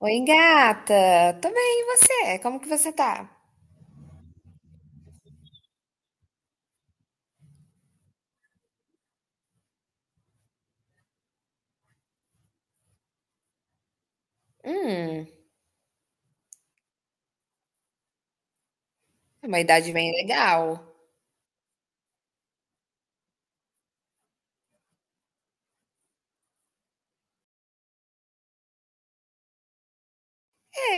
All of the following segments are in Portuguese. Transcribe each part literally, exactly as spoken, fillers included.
Oi, gata. Tô bem, e você? Como que você tá? Hum, é uma idade bem legal.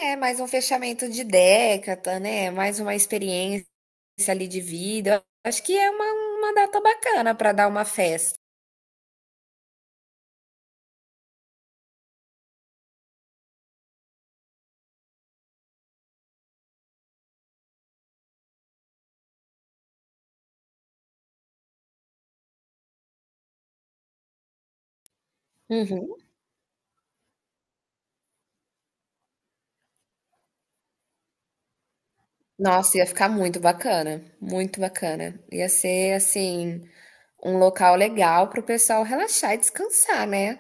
É, mais um fechamento de década, né? Mais uma experiência ali de vida. Eu acho que é uma, uma data bacana pra dar uma festa. Uhum. Nossa, ia ficar muito bacana, muito bacana. Ia ser, assim, um local legal pro pessoal relaxar e descansar, né?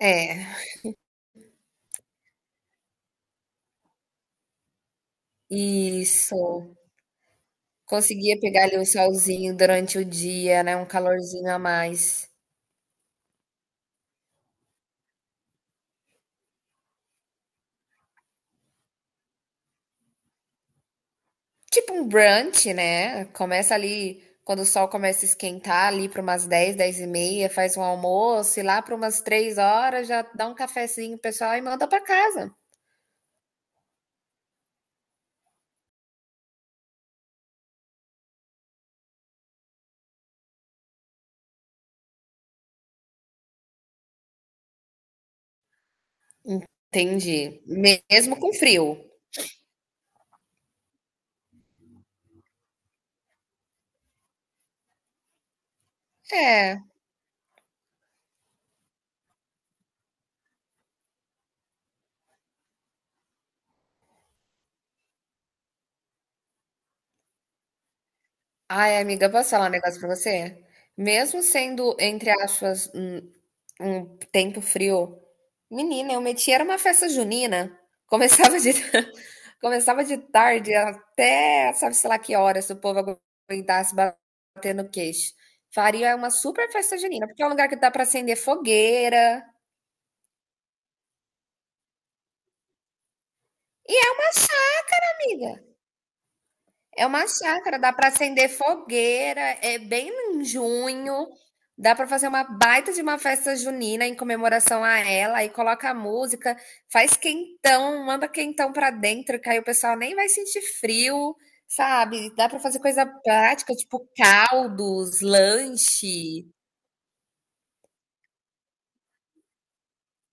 É, isso. Conseguia pegar ali um solzinho durante o dia, né? Um calorzinho a mais. Tipo um brunch, né? Começa ali, quando o sol começa a esquentar, ali para umas dez, dez e meia, faz um almoço e lá para umas três horas já dá um cafezinho pro pessoal e manda para casa. Entendi. Mesmo com frio. É. Ai, amiga, posso falar um negócio para você? Mesmo sendo, entre aspas, um, um tempo frio, menina, eu metia, era uma festa junina. Começava de. Começava de tarde até sabe-se lá que horas, se o povo aguentasse bater no queixo. Faria uma super festa junina, porque é um lugar que dá para acender fogueira. E é uma chá, amiga. É uma chácara, dá para acender fogueira, é bem em junho, dá para fazer uma baita de uma festa junina em comemoração a ela, aí coloca a música, faz quentão, manda quentão para dentro, que aí o pessoal nem vai sentir frio, sabe? Dá para fazer coisa prática, tipo caldos, lanche.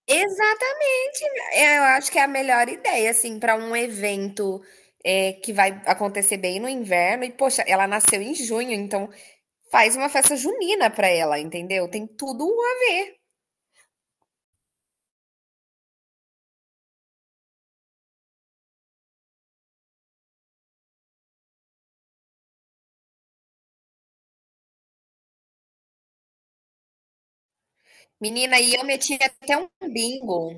Exatamente, é, eu acho que é a melhor ideia, assim, para um evento é, que vai acontecer bem no inverno. E, poxa, ela nasceu em junho, então faz uma festa junina pra ela, entendeu? Tem tudo a ver. Menina, e eu metia até um bingo.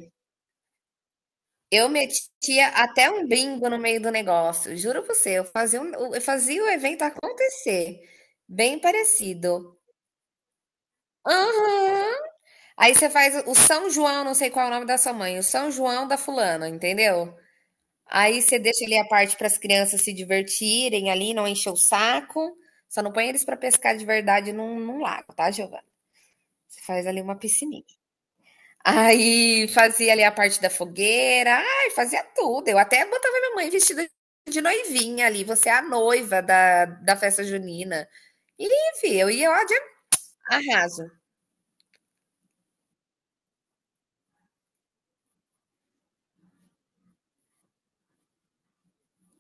Eu metia até um bingo no meio do negócio. Juro pra você, eu fazia, um- eu fazia o evento acontecer. Bem parecido. Aham. Aí você faz o São João, não sei qual é o nome da sua mãe, o São João da fulana, entendeu? Aí você deixa ali a parte para as crianças se divertirem ali, não encher o saco. Só não põe eles para pescar de verdade num, num lago, tá, Giovana? Você faz ali uma piscininha. Aí fazia ali a parte da fogueira, ai, fazia tudo. Eu até botava minha mãe vestida de noivinha ali, você é a noiva da, da festa junina. E, enfim, eu ia lá de arraso.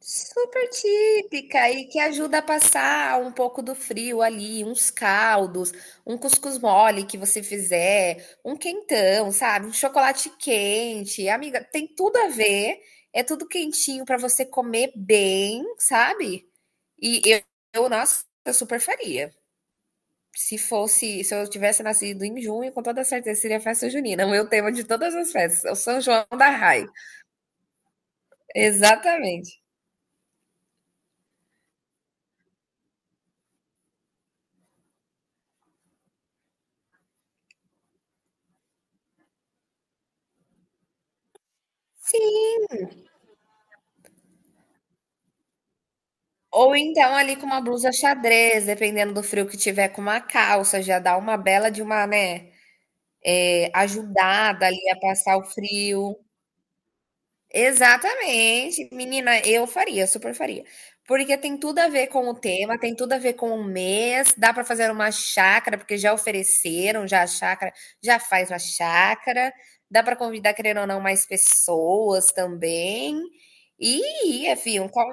Super típica e que ajuda a passar um pouco do frio ali, uns caldos, um cuscuz mole que você fizer, um quentão, sabe? Um chocolate quente. Amiga, tem tudo a ver. É tudo quentinho para você comer bem, sabe? E eu, eu, nossa, eu super faria. Se fosse, se eu tivesse nascido em junho, com toda certeza seria festa junina, o meu tema de todas as festas, é o São João da Rai. Exatamente. Sim. Ou então ali com uma blusa xadrez, dependendo do frio que tiver, com uma calça, já dá uma bela de uma, né, é, ajudada ali a passar o frio. Exatamente. Menina, eu faria, super faria. Porque tem tudo a ver com o tema, tem tudo a ver com o mês, dá para fazer uma chácara, porque já ofereceram, já a chácara, já faz uma chácara, dá para convidar, querendo ou não, mais pessoas também. E, é, fi, um cal-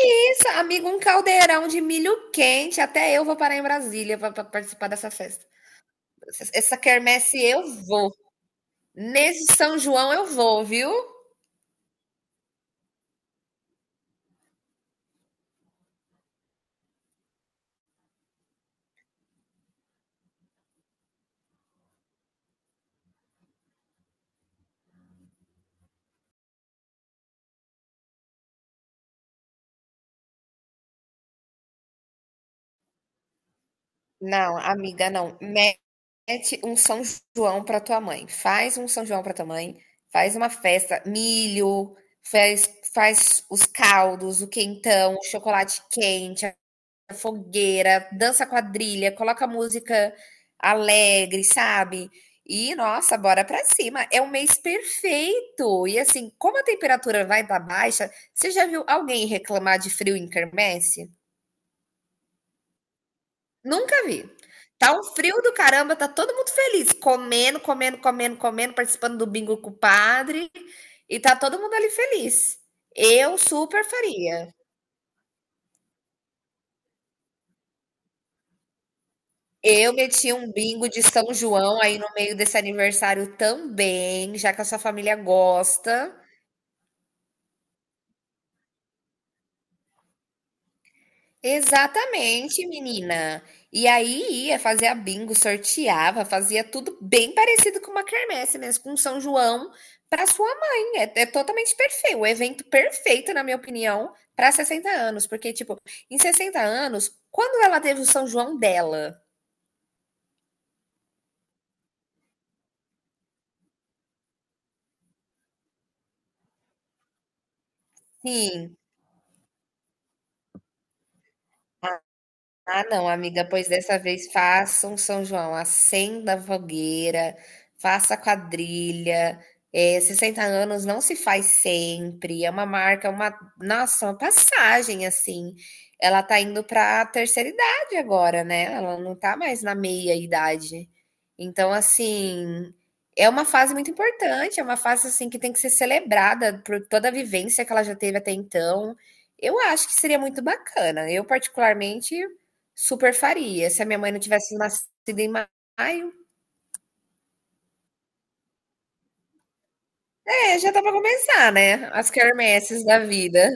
isso, amigo, um caldeirão de milho quente. Até eu vou parar em Brasília para participar dessa festa. Essa essa quermesse eu vou. Nesse São João eu vou, viu? Não, amiga, não. Promete um São João para tua mãe. Faz um São João para tua mãe. Faz uma festa, milho, faz, faz os caldos, o quentão, o chocolate quente, a fogueira, dança quadrilha, coloca música alegre, sabe? E nossa, bora pra cima. É um mês perfeito. E assim, como a temperatura vai estar baixa, você já viu alguém reclamar de frio em quermesse? Nunca vi. Tá um frio do caramba, tá todo mundo feliz, comendo, comendo, comendo, comendo, participando do bingo com o padre, e tá todo mundo ali feliz. Eu super faria. Eu meti um bingo de São João aí no meio desse aniversário também, já que a sua família gosta. Exatamente, menina. E aí ia, fazia bingo, sorteava, fazia tudo bem parecido com uma quermesse mesmo, com São João para sua mãe. É, é totalmente perfeito, o evento perfeito, na minha opinião, para sessenta anos, porque tipo, em sessenta anos, quando ela teve o São João dela? Sim. Ah, não, amiga, pois dessa vez faça um São João, acenda a fogueira, faça a quadrilha. É, sessenta anos não se faz sempre, é uma marca, uma, nossa, uma passagem assim. Ela tá indo para a terceira idade agora, né? Ela não tá mais na meia idade. Então, assim, é uma fase muito importante, é uma fase assim que tem que ser celebrada por toda a vivência que ela já teve até então. Eu acho que seria muito bacana. Eu, particularmente, super faria. Se a minha mãe não tivesse nascido em maio, é, já dá pra começar, né? As quermesses da vida.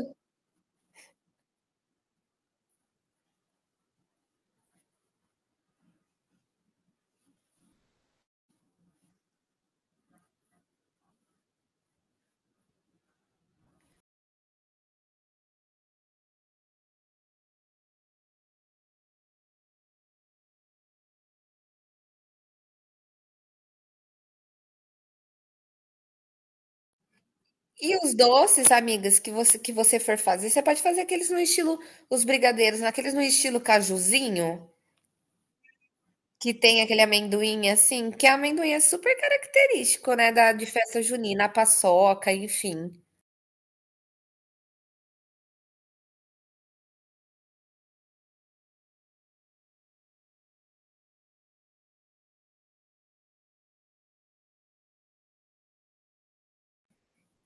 E os doces, amigas, que você, que você for fazer, você pode fazer aqueles no estilo, os brigadeiros, naqueles no estilo cajuzinho, que tem aquele amendoim assim, que é amendoim é super característico, né, da, de festa junina, a paçoca, enfim.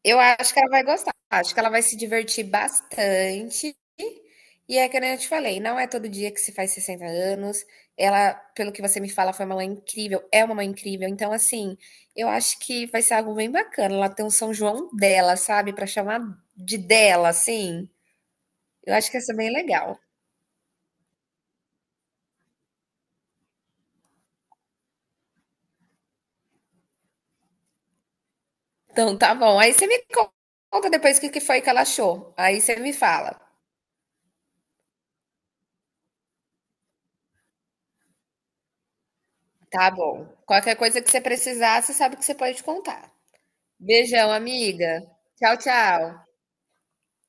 Eu acho que ela vai gostar. Acho que ela vai se divertir bastante. E é que nem eu te falei, não é todo dia que se faz sessenta anos. Ela, pelo que você me fala, foi uma mãe incrível, é uma mãe incrível. Então, assim, eu acho que vai ser algo bem bacana. Ela tem um São João dela, sabe? Pra chamar de dela, assim. Eu acho que ia ser bem legal. Então, tá bom. Aí você me conta depois o que que foi que ela achou. Aí você me fala. Tá bom. Qualquer coisa que você precisar, você sabe que você pode contar. Beijão, amiga. Tchau, tchau.